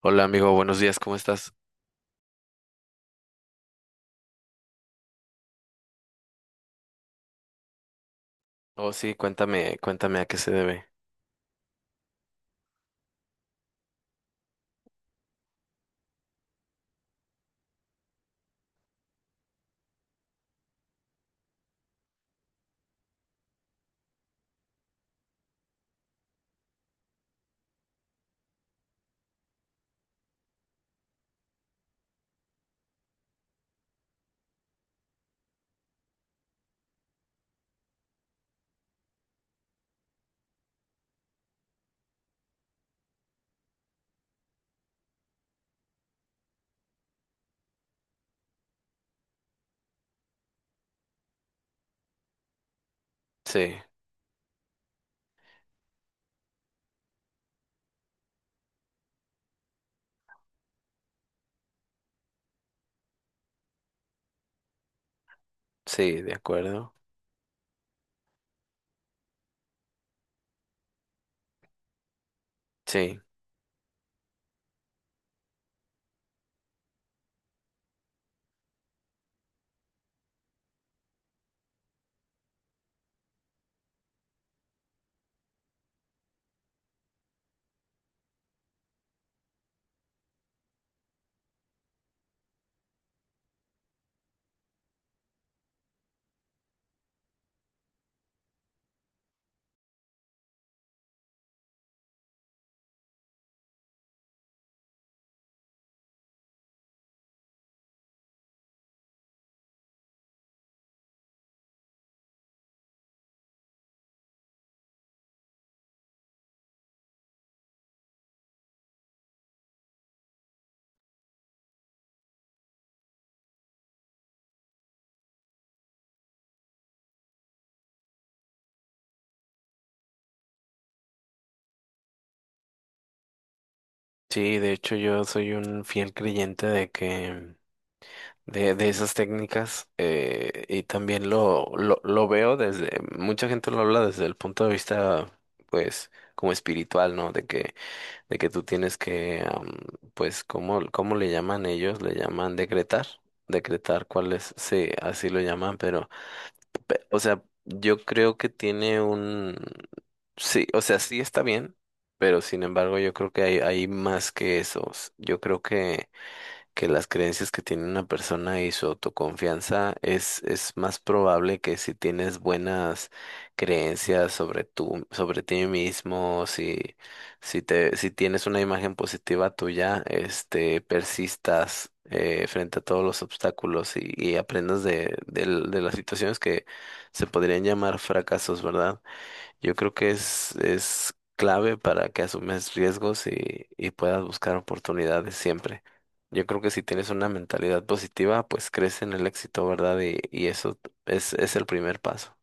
Hola amigo, buenos días, ¿cómo estás? Oh, sí, cuéntame, cuéntame a qué se debe. Sí, sí, de acuerdo. Sí, sí, de hecho yo soy un fiel creyente de esas técnicas, y también lo veo mucha gente lo habla desde el punto de vista, pues, como espiritual, ¿no? De que tú tienes que, pues, ¿cómo le llaman ellos? Le llaman decretar, decretar cuál es, sí, así lo llaman, pero o sea, yo creo que tiene un. Sí, o sea, sí está bien, pero sin embargo yo creo que hay más que esos. Yo creo que las creencias que tiene una persona y su autoconfianza es más probable que si tienes buenas creencias sobre tú, sobre ti mismo, si tienes una imagen positiva tuya, persistas, frente a todos los obstáculos y aprendas de las situaciones que se podrían llamar fracasos, ¿verdad? Yo creo que es clave para que asumes riesgos y puedas buscar oportunidades siempre. Yo creo que si tienes una mentalidad positiva, pues crees en el éxito, ¿verdad? Y eso es el primer paso.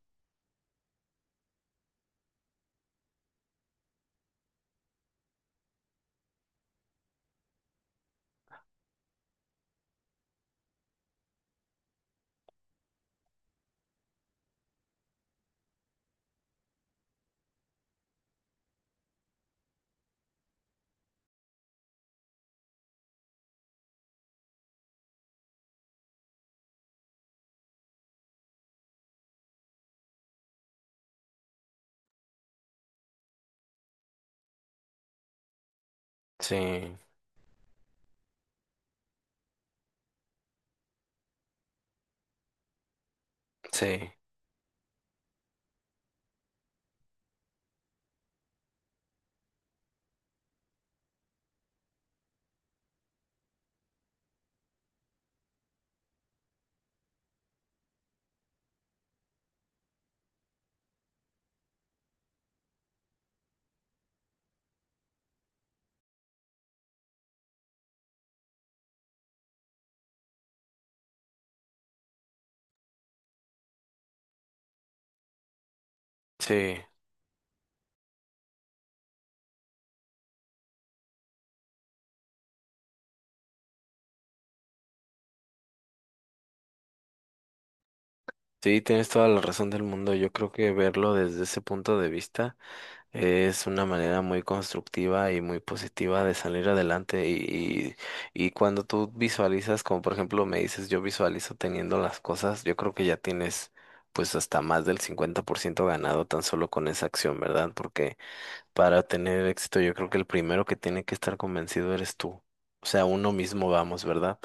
Sí, sí, sí. Sí, tienes toda la razón del mundo. Yo creo que verlo desde ese punto de vista. Es una manera muy constructiva y muy positiva de salir adelante y cuando tú visualizas, como por ejemplo me dices, yo visualizo teniendo las cosas, yo creo que ya tienes pues hasta más del 50% ganado tan solo con esa acción, ¿verdad? Porque para tener éxito yo creo que el primero que tiene que estar convencido eres tú. O sea, uno mismo vamos, ¿verdad?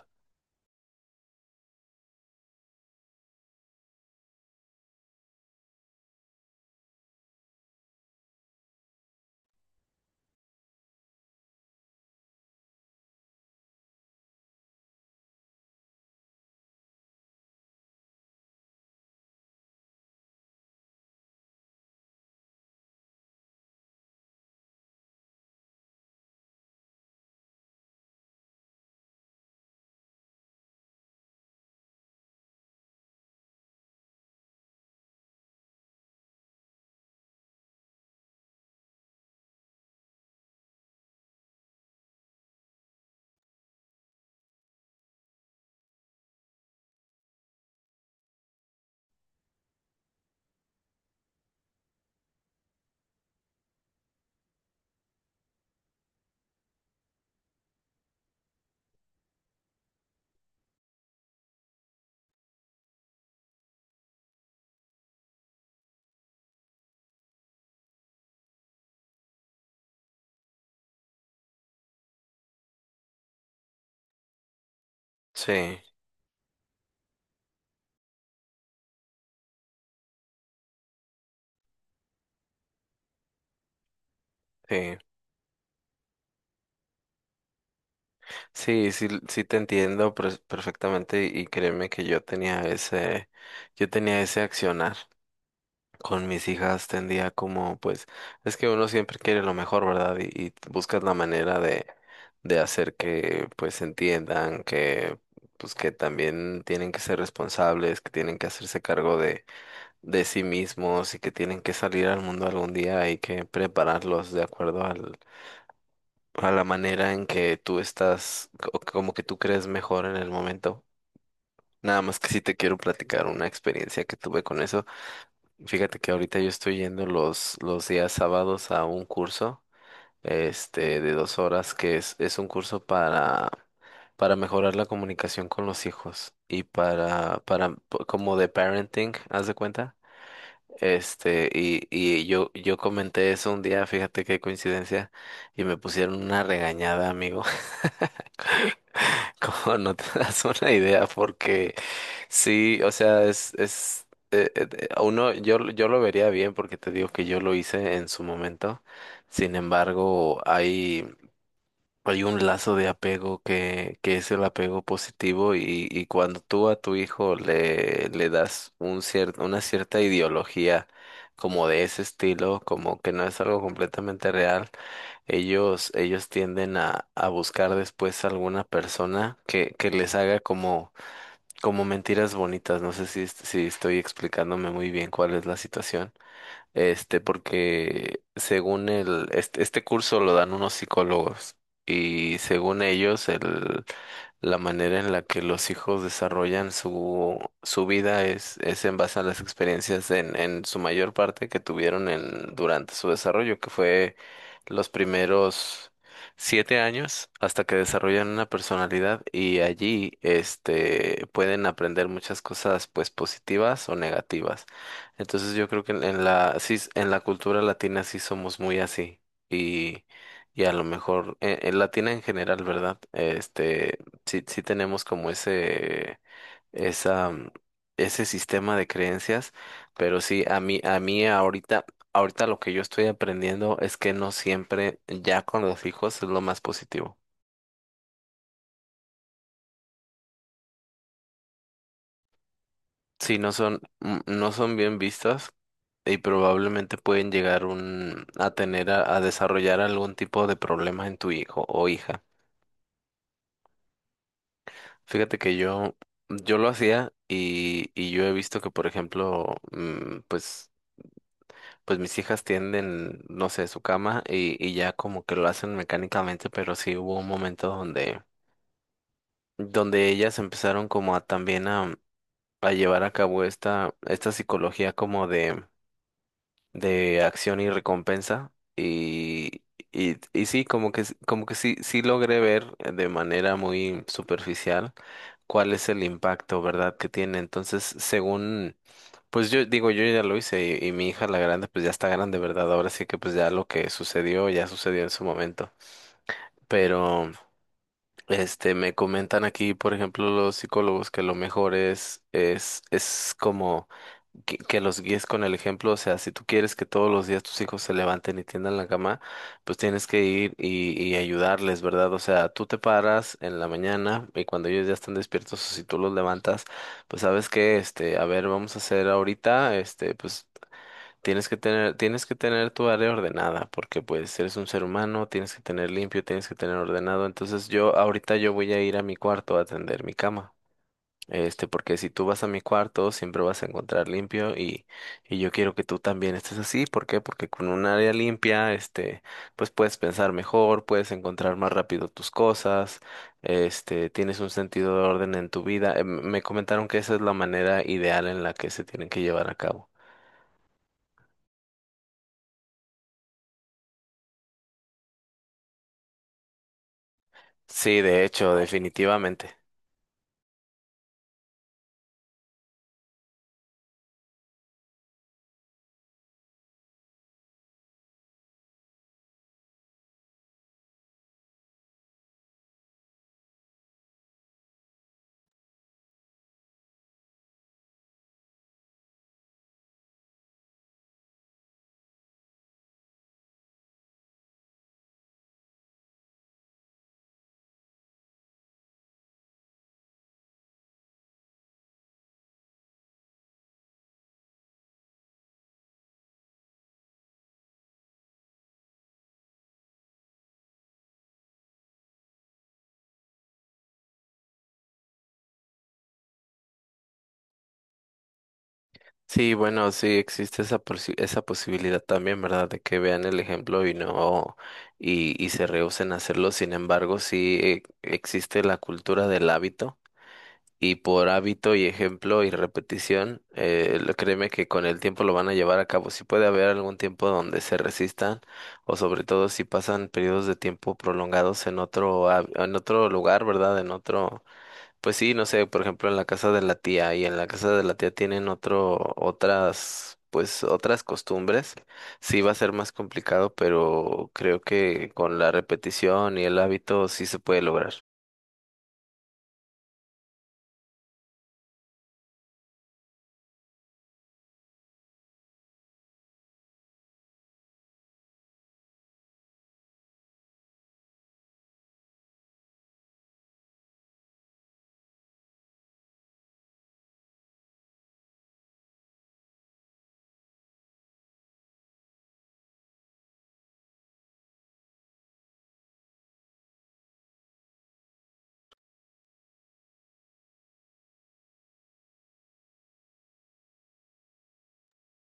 Sí, sí, sí, sí, sí te entiendo perfectamente y créeme que yo tenía ese accionar. Con mis hijas tendía como, pues, es que uno siempre quiere lo mejor, ¿verdad? Y buscas la manera de hacer que, pues, entiendan que, pues, que también tienen que ser responsables, que tienen que hacerse cargo de sí mismos y que tienen que salir al mundo algún día. Hay que prepararlos de acuerdo a la manera en que tú estás, o como que tú crees mejor en el momento. Nada más que sí te quiero platicar una experiencia que tuve con eso. Fíjate que ahorita yo estoy yendo los días sábados a un curso, de 2 horas, que es un curso para mejorar la comunicación con los hijos y como de parenting, haz de cuenta. Y yo comenté eso un día, fíjate qué coincidencia, y me pusieron una regañada, amigo. Como no te das una idea, porque sí, o sea, es a uno, yo lo vería bien porque te digo que yo lo hice en su momento. Sin embargo, hay un lazo de apego que es el apego positivo y cuando tú a tu hijo le das una cierta ideología como de ese estilo, como que no es algo completamente real, ellos tienden a buscar después alguna persona que les haga como mentiras bonitas. No sé si estoy explicándome muy bien cuál es la situación. Porque según este curso lo dan unos psicólogos y según ellos, la manera en la que los hijos desarrollan su vida es en base a las experiencias en su mayor parte que tuvieron durante su desarrollo, que fue los primeros 7 años hasta que desarrollan una personalidad y allí, pueden aprender muchas cosas, pues positivas o negativas. Entonces yo creo que en la cultura latina sí somos muy así y, y a lo mejor en latina en general, ¿verdad? Sí sí tenemos como esa mm, ese sistema de creencias, pero sí a mí ahorita lo que yo estoy aprendiendo es que no siempre ya con los hijos es lo más positivo. Sí, no son bien vistas y probablemente pueden llegar a tener a desarrollar algún tipo de problemas en tu hijo o hija. Fíjate que yo lo hacía y yo he visto que, por ejemplo, pues mis hijas tienden, no sé, su cama y ya como que lo hacen mecánicamente, pero sí hubo un momento donde ellas empezaron como a también a llevar a cabo esta psicología como de acción y recompensa y sí, como que sí, sí logré ver de manera muy superficial cuál es el impacto, ¿verdad? Que tiene. Entonces, según, pues yo digo, yo ya lo hice y mi hija la grande, pues ya está grande, ¿verdad? Ahora sí que pues ya lo que sucedió, ya sucedió en su momento. Pero, me comentan aquí, por ejemplo, los psicólogos que lo mejor es como que los guíes con el ejemplo, o sea, si tú quieres que todos los días tus hijos se levanten y tiendan la cama, pues tienes que ir y ayudarles, ¿verdad? O sea, tú te paras en la mañana y cuando ellos ya están despiertos, o si tú los levantas, pues sabes que, a ver, vamos a hacer ahorita, pues tienes que tener tu área ordenada, porque pues eres un ser humano, tienes que tener limpio, tienes que tener ordenado, entonces yo ahorita yo voy a ir a mi cuarto a atender mi cama. Porque si tú vas a mi cuarto, siempre vas a encontrar limpio y yo quiero que tú también estés así. ¿Por qué? Porque con un área limpia, pues puedes pensar mejor, puedes encontrar más rápido tus cosas, tienes un sentido de orden en tu vida. Me comentaron que esa es la manera ideal en la que se tienen que llevar a cabo. Sí, de hecho, definitivamente. Sí, bueno, sí existe esa posibilidad también, ¿verdad? De que vean el ejemplo y no y se rehúsen a hacerlo. Sin embargo, sí existe la cultura del hábito y por hábito y ejemplo y repetición, créeme que con el tiempo lo van a llevar a cabo. Sí puede haber algún tiempo donde se resistan o sobre todo si pasan periodos de tiempo prolongados en otro lugar, ¿verdad? En otro Pues sí, no sé, por ejemplo, en la casa de la tía y en la casa de la tía tienen pues otras costumbres. Sí va a ser más complicado, pero creo que con la repetición y el hábito sí se puede lograr.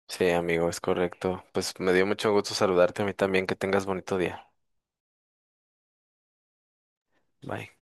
Sí, amigo, es correcto. Pues me dio mucho gusto saludarte a mí también. Que tengas bonito día. Bye.